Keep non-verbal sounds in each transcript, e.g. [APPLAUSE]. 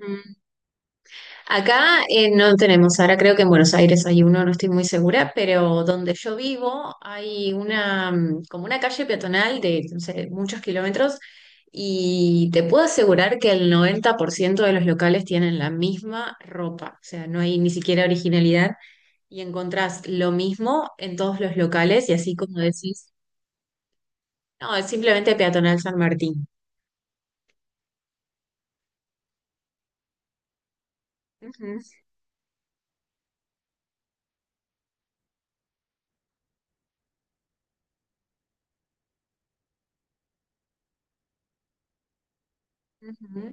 Mm. Acá no tenemos, ahora creo que en Buenos Aires hay uno, no estoy muy segura, pero donde yo vivo hay una, como una calle peatonal de, no sé, muchos kilómetros y te puedo asegurar que el 90% de los locales tienen la misma ropa, o sea, no hay ni siquiera originalidad y encontrás lo mismo en todos los locales y así como decís, no, es simplemente peatonal San Martín. Ujú, ujú.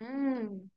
Mm.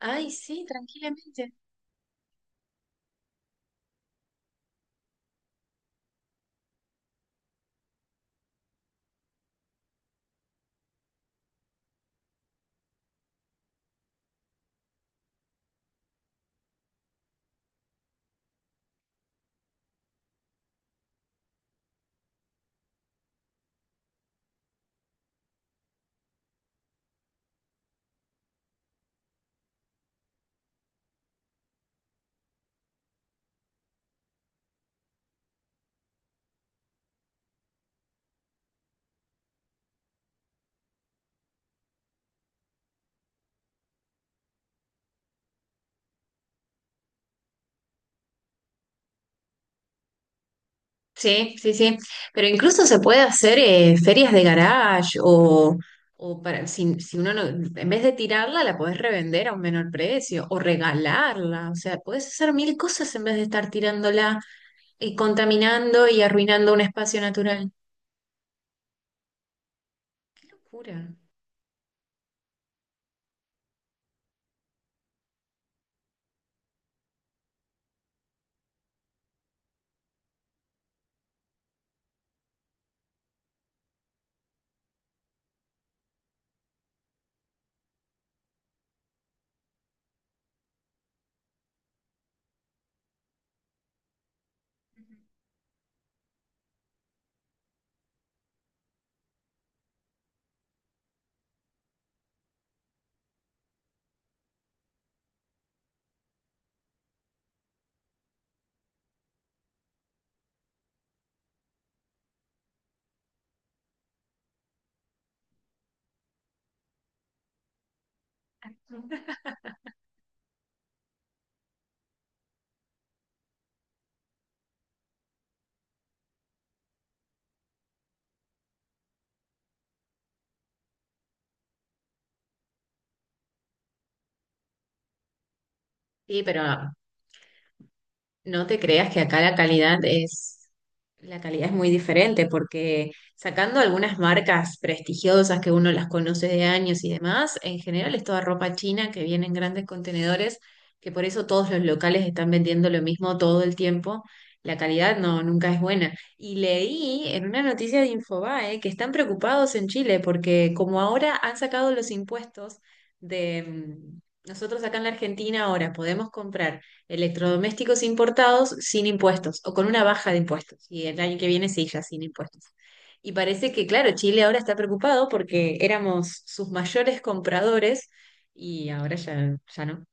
Ay, sí, tranquilamente. Sí, sí, sí. Pero incluso se puede hacer ferias de garage o para, si, si uno no, en vez de tirarla, la podés revender a un menor precio o regalarla. O sea, podés hacer mil cosas en vez de estar tirándola y contaminando y arruinando un espacio natural. Qué locura. [LAUGHS] Sí, pero no te creas que acá la calidad es muy diferente, porque sacando algunas marcas prestigiosas que uno las conoce de años y demás, en general es toda ropa china que viene en grandes contenedores, que por eso todos los locales están vendiendo lo mismo todo el tiempo. La calidad no, nunca es buena. Y leí en una noticia de Infobae que están preocupados en Chile porque como ahora han sacado los impuestos de nosotros acá en la Argentina ahora podemos comprar electrodomésticos importados sin impuestos o con una baja de impuestos. Y el año que viene sí, ya sin impuestos. Y parece que, claro, Chile ahora está preocupado porque éramos sus mayores compradores y ahora ya, ya no.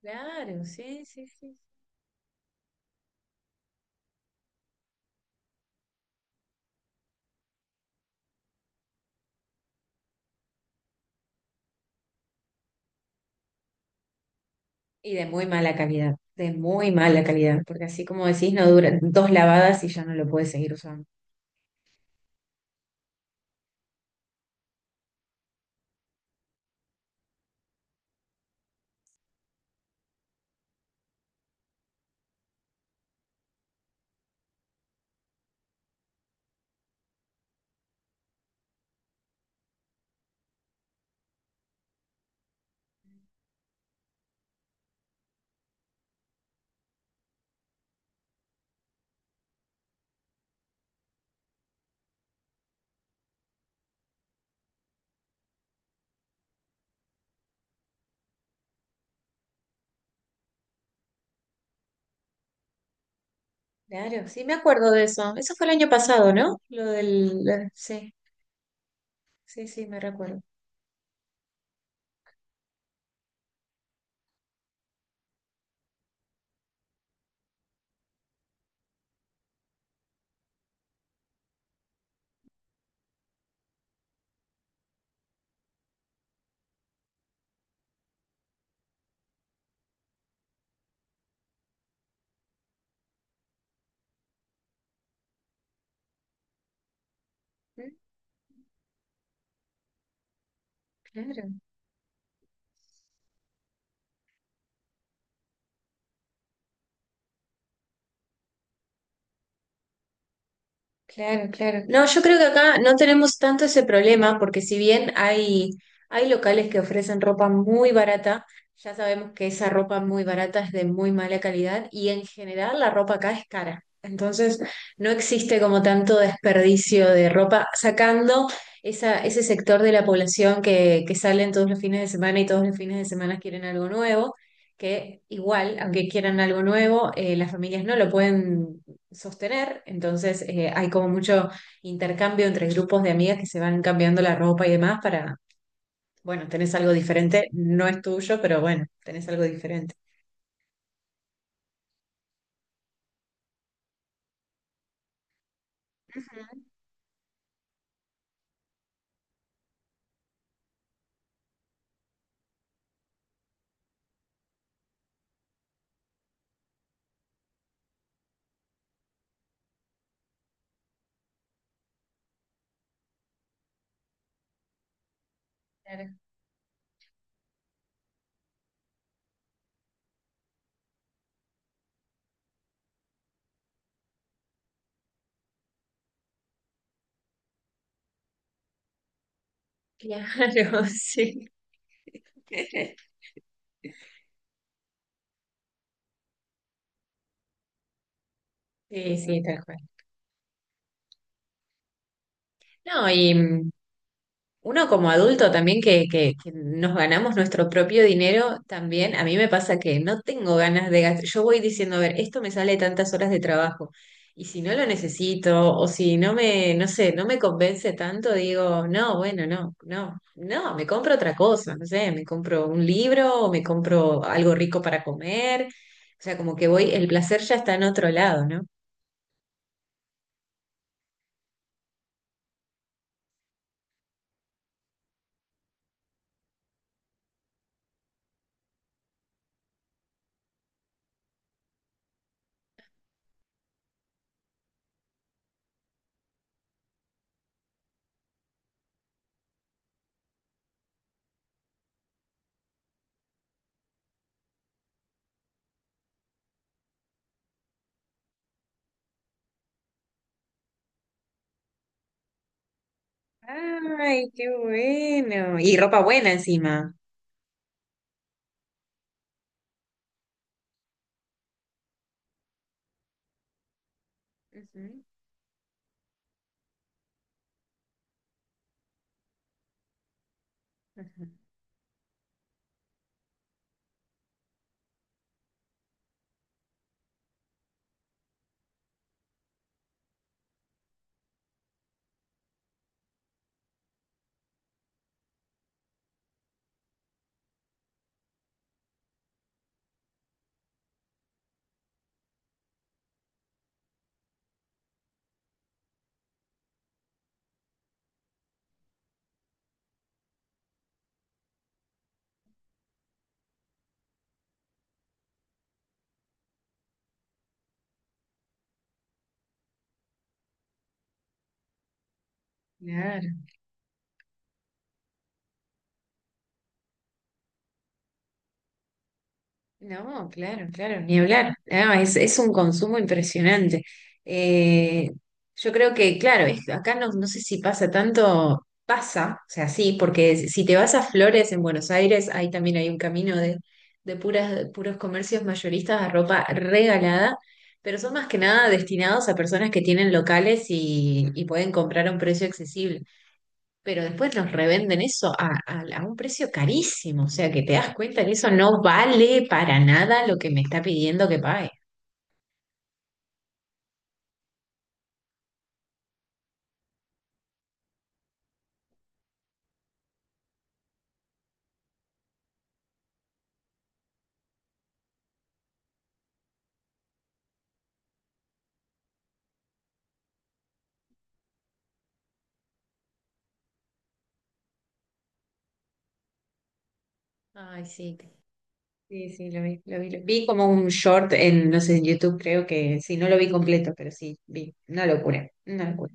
Claro, sí, sí, sí. Y de muy mala calidad, de muy mala calidad, porque así como decís, no duran dos lavadas y ya no lo puedes seguir usando. Claro, sí, me acuerdo de eso. Eso fue el año pasado, ¿no? Sí, sí, sí, me recuerdo. Mm. Claro. Claro, claro. No, yo creo que acá no tenemos tanto ese problema porque si bien hay, hay locales que ofrecen ropa muy barata, ya sabemos que esa ropa muy barata es de muy mala calidad y en general la ropa acá es cara. Entonces no existe como tanto desperdicio de ropa, sacando esa, ese sector de la población que salen todos los fines de semana y todos los fines de semana quieren algo nuevo, que igual, aunque quieran algo nuevo, las familias no lo pueden sostener, entonces hay como mucho intercambio entre grupos de amigas que se van cambiando la ropa y demás para, bueno, tenés algo diferente, no es tuyo, pero bueno, tenés algo diferente. Ujú. Claro. Claro, [LAUGHS] sí. Sí, sí, tal cual. No, uno como adulto también que, que nos ganamos nuestro propio dinero, también a mí me pasa que no tengo ganas de gastar. Yo voy diciendo, a ver, esto me sale tantas horas de trabajo y si no lo necesito o si no me, no sé, no me convence tanto, digo, no, bueno, no, no, no, me compro otra cosa, no sé, me compro un libro o me compro algo rico para comer. O sea, como que voy, el placer ya está en otro lado, ¿no? Ay, qué bueno. Y ropa buena encima. Ujú, ujú. Claro. No, claro, claro, ni hablar. No, es un consumo impresionante. Eh, yo creo que, claro, acá no, no sé si pasa tanto, pasa, o sea, sí, porque si si te vas a Flores en Buenos Aires, ahí también hay un camino de puras, de puros comercios mayoristas a ropa regalada, pero son más que nada destinados a personas que tienen locales y pueden comprar a un precio accesible pero después los revenden eso a, a un precio carísimo, o sea que te das cuenta que eso no vale para nada lo que me está pidiendo que pague. Ay, sí, sí, sí, lo vi, lo vi. Vi como un short en, no sé, en YouTube creo que, sí, no lo vi completo, pero sí, vi. Una locura, una locura.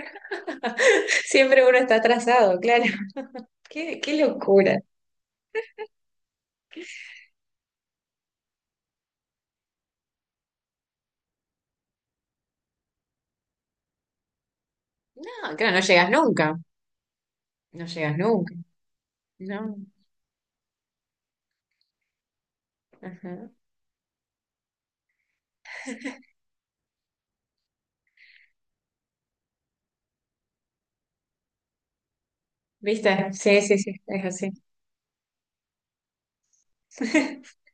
[LAUGHS] Siempre uno está atrasado, claro. Qué, qué locura. No, claro, no llegas nunca, no llegas nunca, no. Ajá. ¿Viste? Sí, sí, sí, es así. [LAUGHS]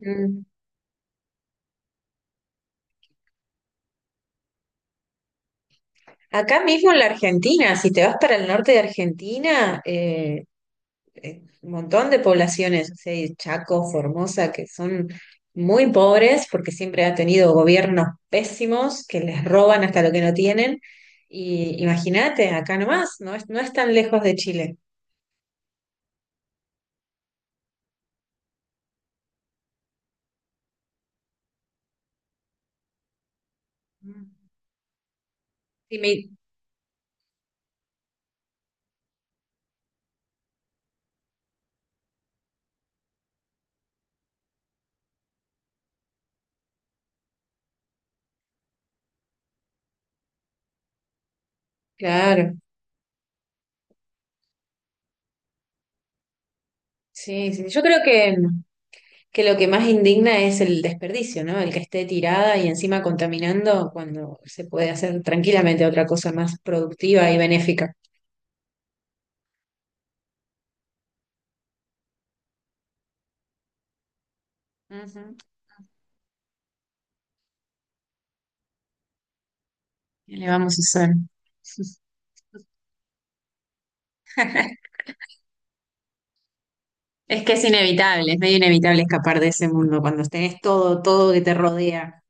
Mm. Acá mismo en la Argentina, si te vas para el norte de Argentina, un montón de poblaciones, o sea, y Chaco, Formosa, que son muy pobres porque siempre ha tenido gobiernos pésimos que les roban hasta lo que no tienen. Y imagínate, acá nomás, no es, no es tan lejos de Chile. Mm. Y me- claro, sí, sí, yo creo que lo que más indigna es el desperdicio, ¿no? El que esté tirada y encima contaminando cuando se puede hacer tranquilamente otra cosa más productiva y benéfica. Ujú. ¿Qué le vamos a hacer? Es que es inevitable, es medio inevitable escapar de ese mundo cuando tenés todo, todo que te rodea.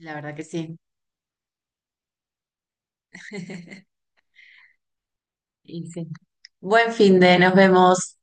La verdad que sí. [LAUGHS] Y sí. Buen fin de, nos vemos.